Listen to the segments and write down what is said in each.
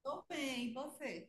Tô bem, e você?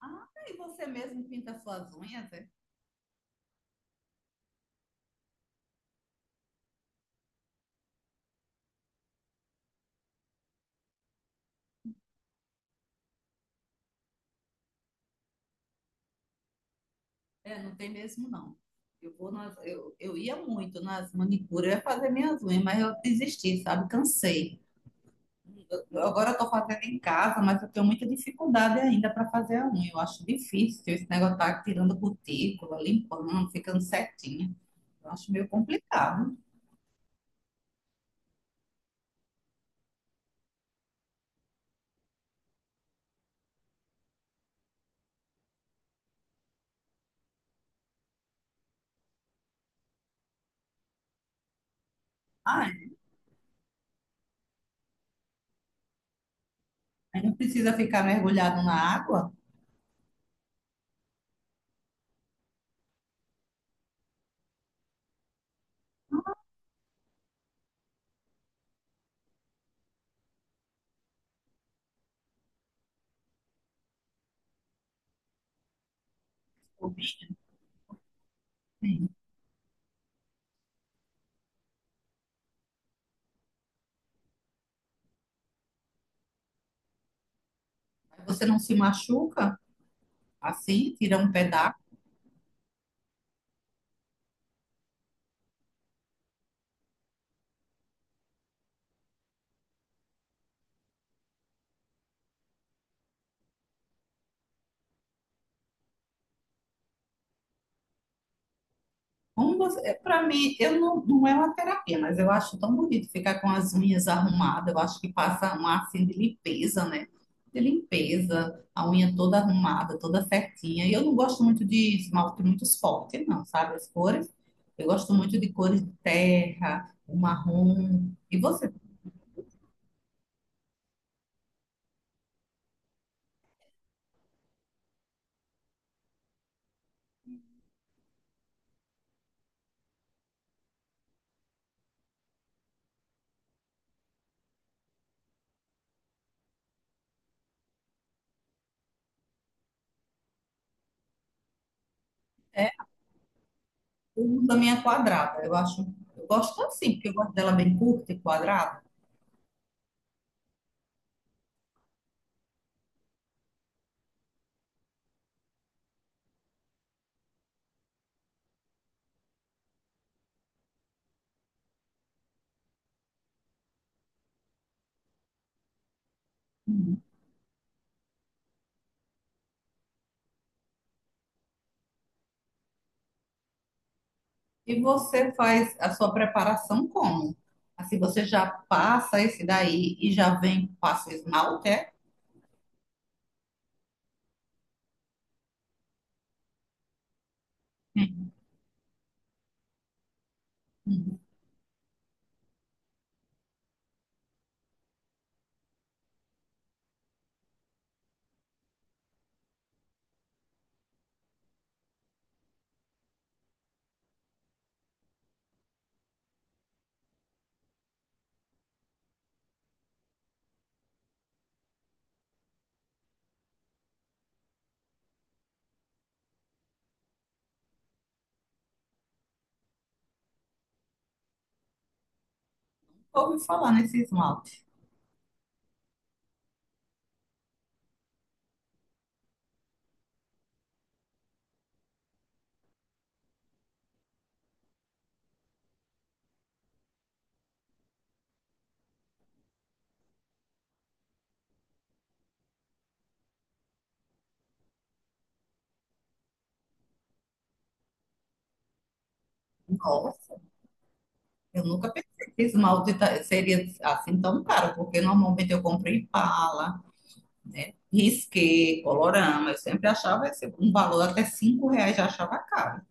Ah, tá, e você mesmo pinta suas unhas, é? É, não tem mesmo, não. Eu ia muito nas manicuras, eu ia fazer minhas unhas, mas eu desisti, sabe? Cansei. Agora eu tô fazendo em casa, mas eu tenho muita dificuldade ainda para fazer a unha. Eu acho difícil esse negócio tá tirando cutícula, limpando, ficando certinha. Eu acho meio complicado. Ah, aí não precisa ficar mergulhado na água? Ou bem, assim. Aí você não se machuca assim, tira um pedaço. Como você, para mim, eu não é uma terapia, mas eu acho tão bonito ficar com as unhas arrumadas. Eu acho que passa um ar assim de limpeza, né? De limpeza, a unha toda arrumada, toda certinha. E eu não gosto muito de esmalte muito forte, não, sabe? As cores. Eu gosto muito de cores de terra, o marrom. E você? É, eu uso a minha quadrada. Eu acho, eu gosto assim, porque eu gosto dela bem curta e quadrada. E você faz a sua preparação como? Assim, você já passa esse daí e já vem, passa esmalte, é? Sim. Uhum. Ouvi falar nesse esmalte. Nossa, eu nunca pensei que seria assim tão caro, porque normalmente eu compro Impala, né? Risqué, Colorama, eu sempre achava esse, um valor até 5 reais já achava caro.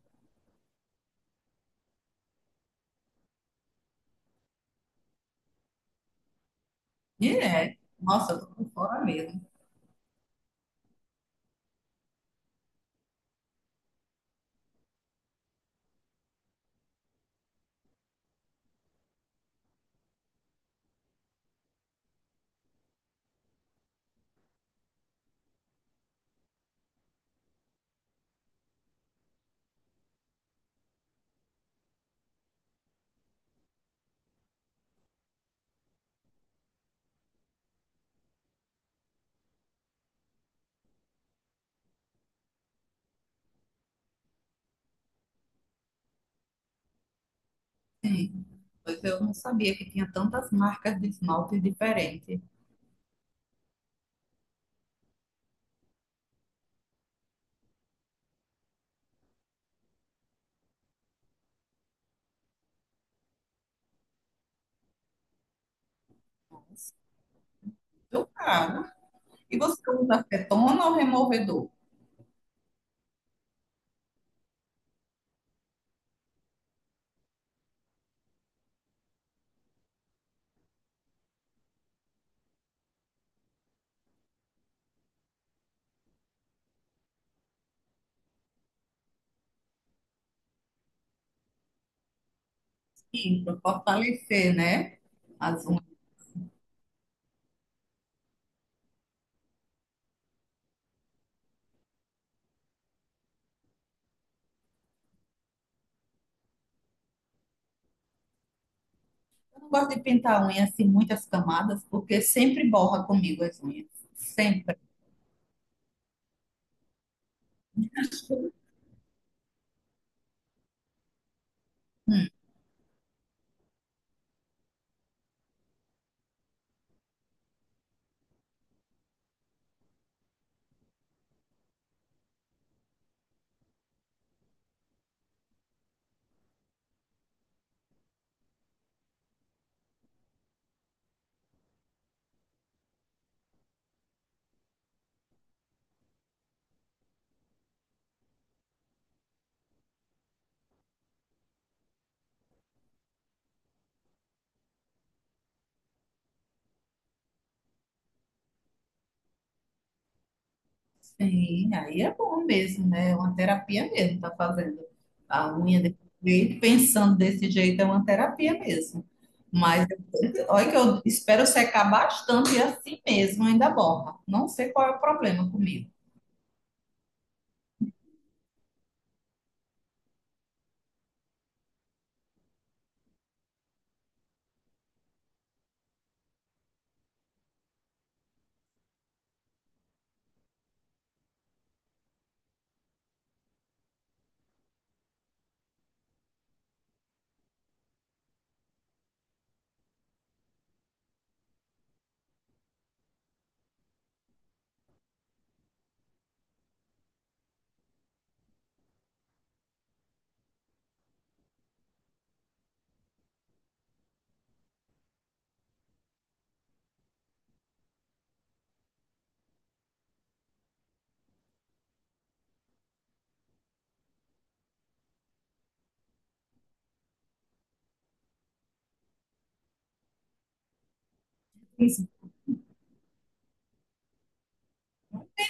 E é, nossa, eu tô por fora mesmo. Sim. Pois eu não sabia que tinha tantas marcas de esmalte diferentes. Super caro. E você usa acetona ou removedor? Sim, para fortalecer, né? As unhas. Eu não gosto de pintar a unha assim, muitas camadas, porque sempre borra comigo as unhas. Sempre. Hum, sim, aí é bom mesmo, né? É uma terapia mesmo, tá fazendo a unha desse jeito, pensando desse jeito, é uma terapia mesmo. Mas olha que eu espero secar bastante e assim mesmo ainda borra. Não sei qual é o problema comigo.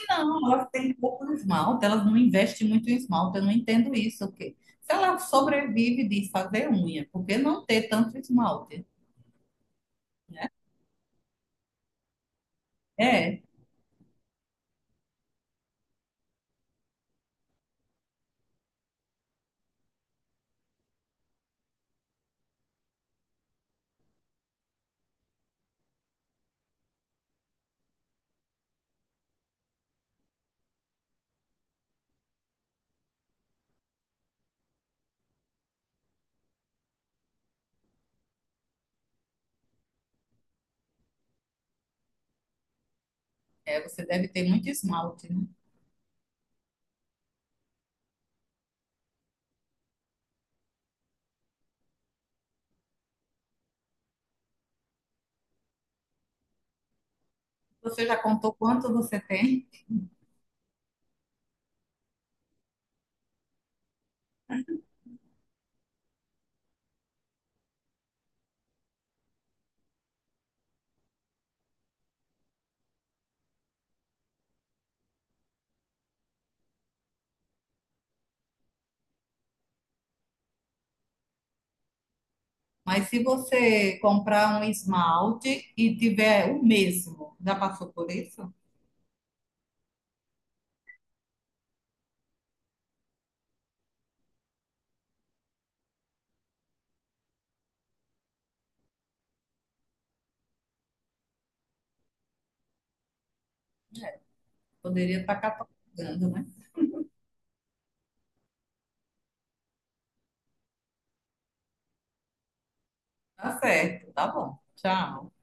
Não, elas têm pouco esmalte, elas não investem muito em esmalte, eu não entendo isso. O quê? Se ela sobrevive de fazer unha, por que não ter tanto esmalte? É, você deve ter muito esmalte, né? Você já contou quanto você tem, mas se você comprar um esmalte e tiver o mesmo, já passou por isso? Poderia estar catalogando, né? Tá certo, tá bom. Tchau.